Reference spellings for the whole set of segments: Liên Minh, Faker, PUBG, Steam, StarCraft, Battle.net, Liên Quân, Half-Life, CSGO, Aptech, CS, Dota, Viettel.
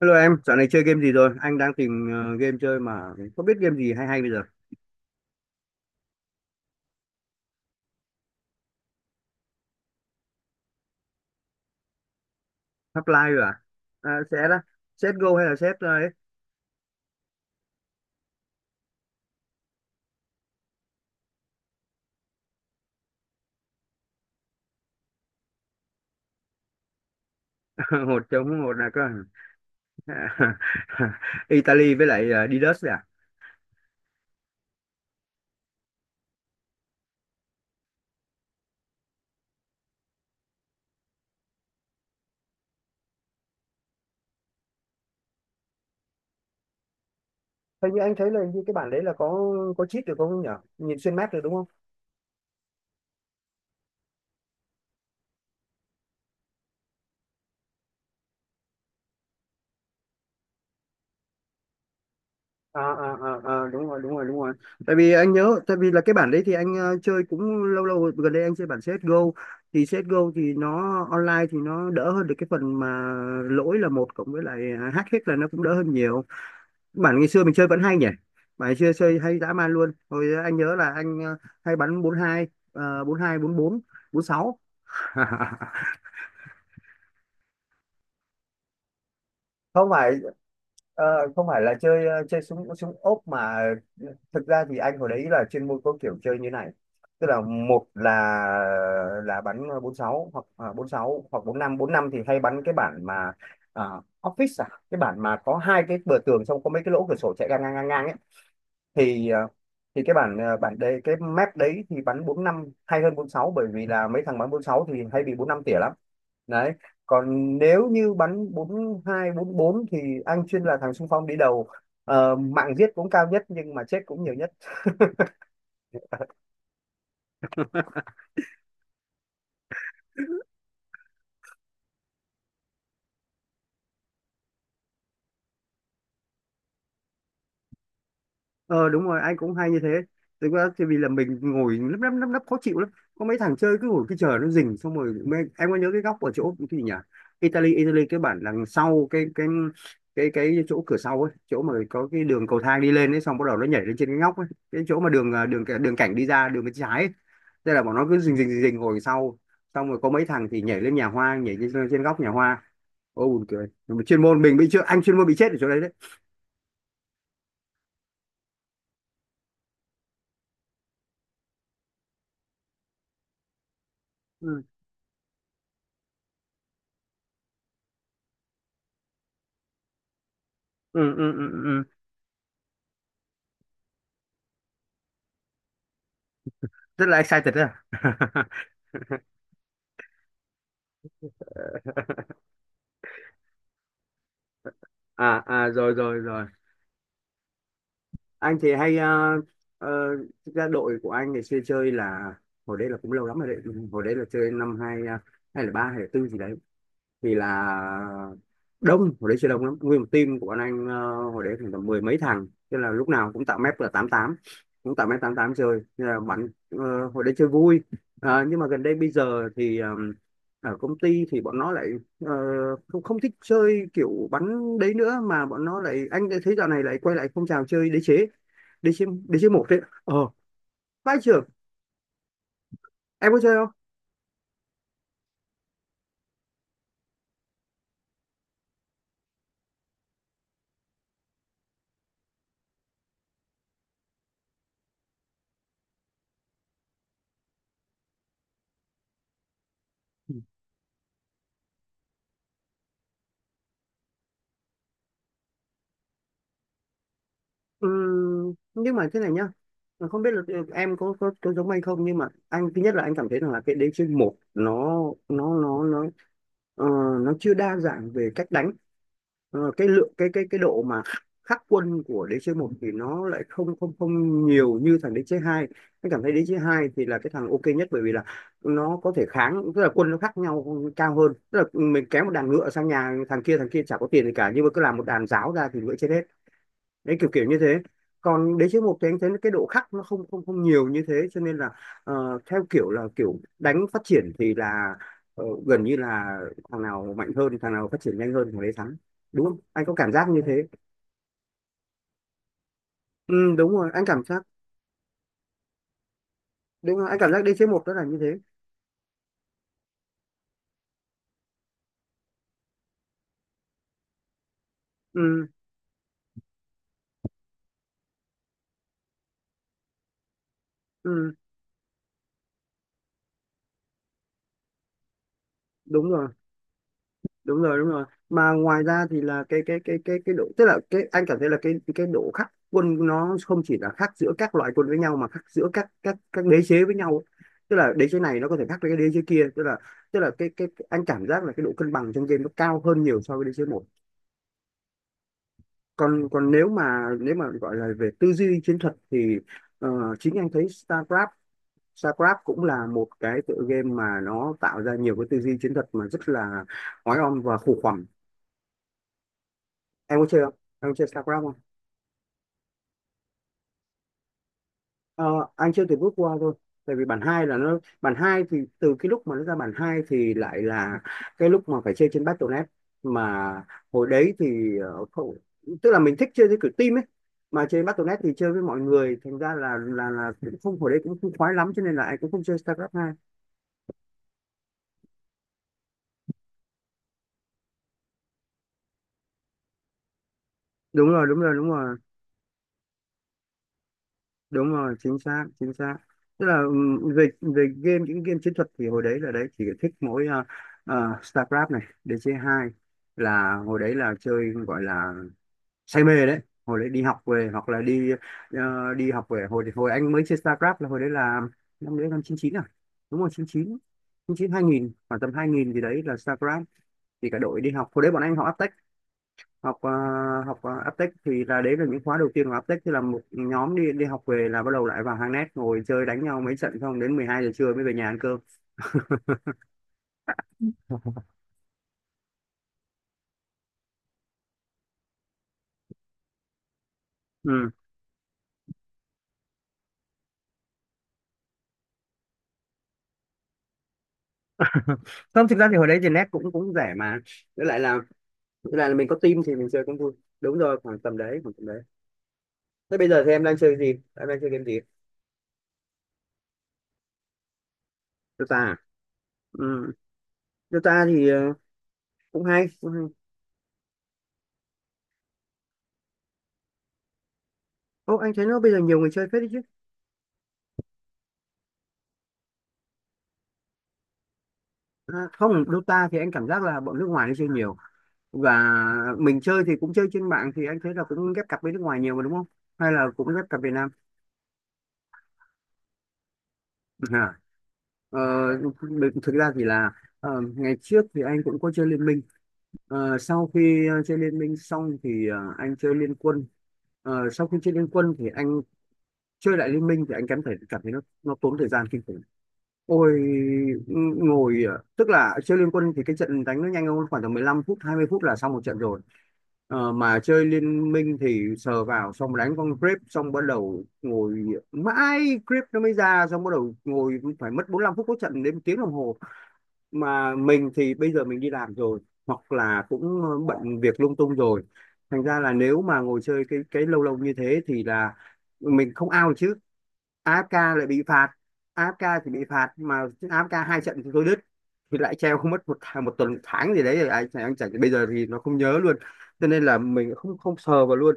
Hello em, dạo này chơi game gì rồi? Anh đang tìm game chơi mà không biết game gì hay hay bây giờ. Half-Life rồi à? À sẽ đó. CSGO hay là CS ấy? Một chống một là cơ. Italy với lại Didus đấy à? Hình như anh thấy là hình như cái bản đấy là có cheat được không nhỉ? Nhìn xuyên map được đúng không? Đúng rồi, đúng rồi, đúng rồi, tại vì anh nhớ, tại vì là cái bản đấy thì anh chơi cũng lâu lâu rồi. Gần đây anh chơi bản CSGO, thì CSGO thì nó online thì nó đỡ hơn được cái phần mà lỗi là một cộng với lại hack hết, là nó cũng đỡ hơn nhiều. Bản ngày xưa mình chơi vẫn hay nhỉ. Bản ngày xưa chơi hay dã man luôn. Hồi anh nhớ là anh hay bắn bốn bốn hai, bốn hai bốn bốn, bốn sáu. Không phải, ờ, không phải là chơi chơi súng súng ốp, mà thực ra thì anh hồi đấy là chuyên môn có kiểu chơi như này, tức là một là bắn bốn sáu hoặc bốn sáu hoặc bốn năm. Bốn năm thì hay bắn cái bản mà à, office, à, cái bản mà có hai cái bờ tường, xong có mấy cái lỗ cửa sổ chạy ngang ngang ngang ngang ấy, thì thì cái bản, bản đấy, cái map đấy thì bắn bốn năm hay hơn bốn sáu, bởi vì là mấy thằng bắn bốn sáu thì hay bị bốn năm tỉa lắm. Đấy. Còn nếu như bắn bốn hai bốn bốn thì anh chuyên là thằng xung phong đi đầu. Mạng giết cũng cao nhất nhưng mà chết cũng nhiều nhất. Ờ Đúng rồi, anh cũng hay như thế. Thực ra thì vì là mình ngồi lấp lấp lấp lấp khó chịu lắm. Có mấy thằng chơi cứ ngồi, cứ chờ nó rình, xong rồi em có nhớ cái góc ở chỗ cái gì nhỉ? Italy Italy cái bản đằng sau cái chỗ cửa sau ấy, chỗ mà có cái đường cầu thang đi lên ấy, xong bắt đầu nó nhảy lên trên cái ngóc ấy, cái chỗ mà đường cảnh đi ra đường bên trái ấy. Thế là bọn nó cứ rình rình rình rình ngồi sau, xong rồi có mấy thằng thì nhảy lên nhà hoa, nhảy lên trên góc nhà hoa. Ô buồn cười, mà chuyên môn mình bị chưa, anh chuyên môn bị chết ở chỗ đấy đấy. Ừ, ừ, ừ, ừ, ừ. Rất là excited đấy à. À, à, rồi, rồi, rồi. Anh thì hay, ờ, thực ra đội của anh ngày xưa chơi là hồi đấy là cũng lâu lắm rồi đấy. Hồi đấy là chơi năm hai, hai là ba hay là tư gì đấy, vì là đông, hồi đấy chơi đông lắm, nguyên một team của bọn anh hồi đấy khoảng tầm mười mấy thằng, thế là lúc nào cũng tạo map là tám tám. Cũng tạo map tám tám chơi. Thế là bắn, hồi đấy chơi vui. Nhưng mà gần đây bây giờ thì, ở công ty thì bọn nó lại ờ, không không thích chơi kiểu bắn đấy nữa, mà bọn nó lại, anh đã thấy dạo này lại quay lại phong trào chơi đế chế một đấy. Ờ Vai trưởng. Em có chơi không? Nhưng mà thế này nhá. Mà không biết là, em có giống anh không, nhưng mà anh, thứ nhất là anh cảm thấy rằng là cái đế chế một nó nó nó nó ờ, nó chưa đa dạng về cách đánh. Cái lượng, cái độ mà khắc quân của đế chế một thì nó lại không không không nhiều như thằng đế chế hai. Anh cảm thấy đế chế hai thì là cái thằng ok nhất, bởi vì là nó có thể kháng, tức là quân nó khác nhau cao hơn, tức là mình kéo một đàn ngựa sang nhà thằng kia, thằng kia chả có tiền gì cả nhưng mà cứ làm một đàn giáo ra thì ngựa chết hết. Đấy, kiểu kiểu như thế. Còn đế chế một thì anh thấy cái độ khắc nó không không không nhiều như thế, cho nên là, theo kiểu là kiểu đánh phát triển thì là, gần như là thằng nào mạnh hơn, thằng nào phát triển nhanh hơn, thằng đấy thắng. Đúng không, anh có cảm giác như thế. Ừ, đúng rồi, anh cảm giác đế chế một đó là như thế. Ừ, ừ, đúng rồi, đúng rồi, đúng rồi, mà ngoài ra thì là cái độ, tức là cái anh cảm thấy là cái độ khác quân nó không chỉ là khác giữa các loại quân với nhau, mà khác giữa các đế chế với nhau, tức là đế chế này nó có thể khác với cái đế chế kia, tức là cái anh cảm giác là cái độ cân bằng trong game nó cao hơn nhiều so với đế chế một. Còn còn nếu mà gọi là về tư duy chiến thuật thì, ờ, chính anh thấy StarCraft. StarCraft cũng là một cái tựa game mà nó tạo ra nhiều cái tư duy chiến thuật mà rất là oái oăm và khủng hoảng. Em có chơi không Em có chơi StarCraft không? ờ, anh chưa từ bước qua thôi, tại vì bản hai là nó, bản hai thì từ cái lúc mà nó ra bản hai thì lại là cái lúc mà phải chơi trên Battle.net, mà hồi đấy thì không, tức là mình thích chơi với kiểu team ấy, mà chơi Battle.net thì chơi với mọi người, thành ra là cũng không, hồi đấy cũng không khoái lắm, cho nên là anh cũng không chơi StarCraft hai. Đúng rồi, đúng rồi, đúng rồi, đúng rồi, chính xác, chính xác. Tức là, về về game, những game chiến thuật thì hồi đấy là đấy chỉ thích mỗi, StarCraft này, DC hai, là hồi đấy là chơi, gọi là say mê đấy. Hồi đấy đi học về hoặc là đi, đi học về, hồi hồi anh mới chơi StarCraft là hồi đấy là năm đấy, năm chín chín à, đúng rồi chín chín, 2000, khoảng tầm 2000 gì đấy là StarCraft. Thì cả đội đi học hồi đấy bọn anh học Aptech, học ờ, Aptech thì là, đấy là những khóa đầu tiên của Aptech, thì là một nhóm đi đi học về là bắt đầu lại vào hang net ngồi chơi đánh nhau mấy trận, xong đến 12 giờ trưa mới về nhà ăn cơm. Ừ. Không, thực ra thì hồi đấy thì net cũng cũng rẻ mà, với lại là mình có team thì mình chơi cũng vui. Đúng rồi, khoảng tầm đấy, khoảng tầm đấy. Thế bây giờ thì em đang chơi gì Em đang chơi game gì? Dota à? Ừ. Dota thì, cũng hay, cũng hay. Ô, anh thấy nó bây giờ nhiều người chơi phết đấy chứ. À, không, Dota thì anh cảm giác là bọn nước ngoài nó chơi nhiều, và mình chơi thì cũng chơi trên mạng thì anh thấy là cũng ghép cặp với nước ngoài nhiều mà, đúng không, hay là cũng ghép cặp Việt Nam? à, ờ, Thực ra thì là, ngày trước thì anh cũng có chơi Liên Minh. Sau khi chơi Liên Minh xong thì, anh chơi Liên Quân. Sau khi chơi Liên Quân thì anh chơi lại Liên Minh thì anh cảm thấy nó tốn thời gian kinh khủng. Ôi, ngồi, tức là chơi Liên Quân thì cái trận đánh nó nhanh hơn, khoảng tầm 15 phút, 20 phút là xong một trận rồi. Mà chơi Liên Minh thì sờ vào, xong đánh con creep, xong bắt đầu ngồi mãi, creep nó mới ra, xong bắt đầu ngồi phải mất 45 phút, có trận đến một tiếng đồng hồ, mà mình thì bây giờ mình đi làm rồi, hoặc là cũng bận việc lung tung rồi, thành ra là nếu mà ngồi chơi cái lâu lâu như thế thì là mình không out được chứ, AFK lại bị phạt. AFK thì bị phạt mà. AFK hai trận thì tôi đứt, thì lại treo không, mất một tháng, một tuần, một tháng gì đấy rồi, anh chẳng bây giờ thì nó không nhớ luôn, cho nên là mình không không sờ vào luôn.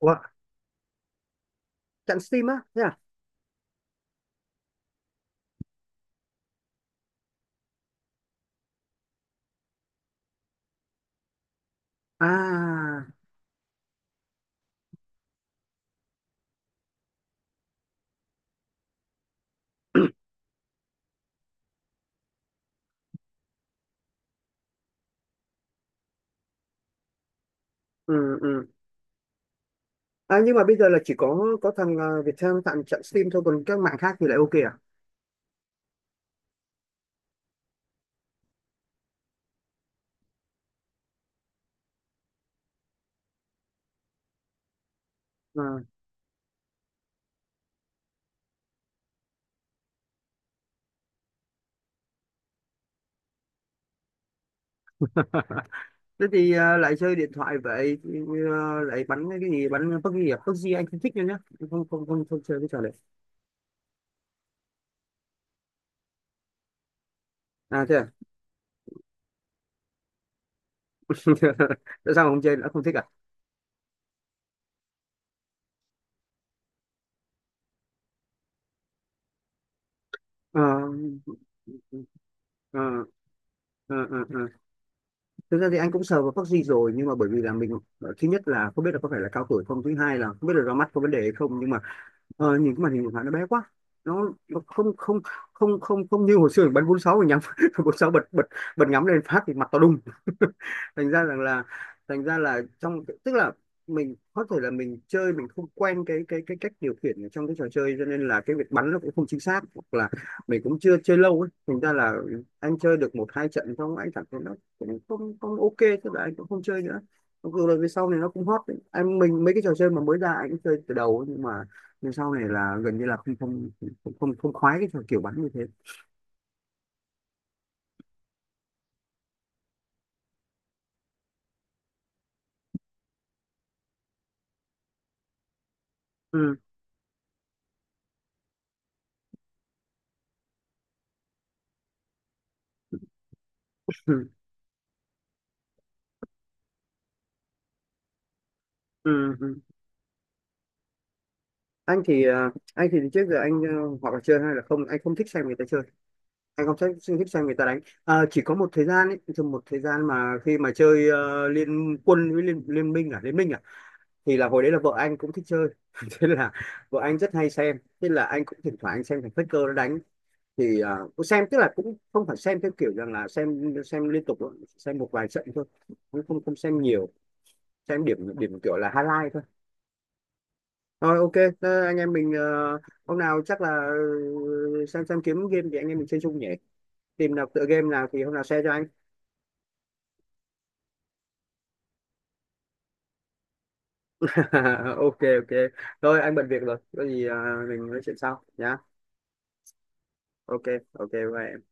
Ủa, trận Steam á, thế à? À. Ừ, ừ. À, nhưng mà bây giờ là chỉ có thằng, Viettel tặng trận Steam thôi, còn các mạng khác thì lại ok à? À. Thế thì, lại chơi điện thoại vậy thì, lại bắn cái gì, bắn PUBG à? PUBG anh không thích nữa nhá. Không, không, không, không chơi cái trò này. À thế à? Tại sao mà không chơi nữa, không thích à? Ờ, ờ, ờ, ờ, ờ. Thực ra thì anh cũng sờ vào vaccine rồi, nhưng mà bởi vì là mình, thứ nhất là không biết là có phải là cao tuổi không, thứ hai là không biết là ra mắt có vấn đề hay không, nhưng mà, nhìn cái màn hình của bạn nó bé quá, nó không không không không không như hồi xưa mình bắn bốn sáu mình nhắm bốn sáu bật bật bật ngắm lên phát thì mặt to đùng. thành ra rằng là Thành ra là trong, tức là mình có thể là mình chơi, mình không quen cái cách điều khiển ở trong cái trò chơi, cho nên là cái việc bắn nó cũng không chính xác, hoặc là mình cũng chưa chơi lâu ấy, thành ra là anh chơi được một hai trận xong anh cảm thấy nó cũng không không ok, tức là anh cũng không chơi nữa. Mặc dù là về sau này nó cũng hot đấy. Anh mình mấy cái trò chơi mà mới ra anh cũng chơi từ đầu ấy, nhưng sau này là gần như là không, không khoái cái kiểu bắn như thế. Ừ. Ừ. Ừ. Ừ. Anh thì, anh thì trước giờ anh, hoặc là chơi hay là không, anh không thích xem người ta chơi, anh không thích, không thích xem người ta đánh. Ờ, chỉ có một thời gian ấy, thì một thời gian mà khi mà chơi, liên quân với liên minh à, thì là hồi đấy là vợ anh cũng thích chơi. Thế là vợ anh rất hay xem, thế là anh cũng thỉnh thoảng anh xem thằng Faker nó đánh, thì, cũng xem, tức là cũng không phải xem theo kiểu rằng là xem liên tục đâu, xem một vài trận thôi, cũng không không xem nhiều, xem điểm, điểm kiểu là highlight thôi, rồi ok. Thế anh em mình, hôm nào chắc là, xem kiếm game thì anh em mình chơi chung nhỉ. Tìm nào tựa game nào thì hôm nào share cho anh. Ok, ok. Thôi anh bận việc rồi, có gì, mình nói chuyện sau nhá. Ok, ok, bye em.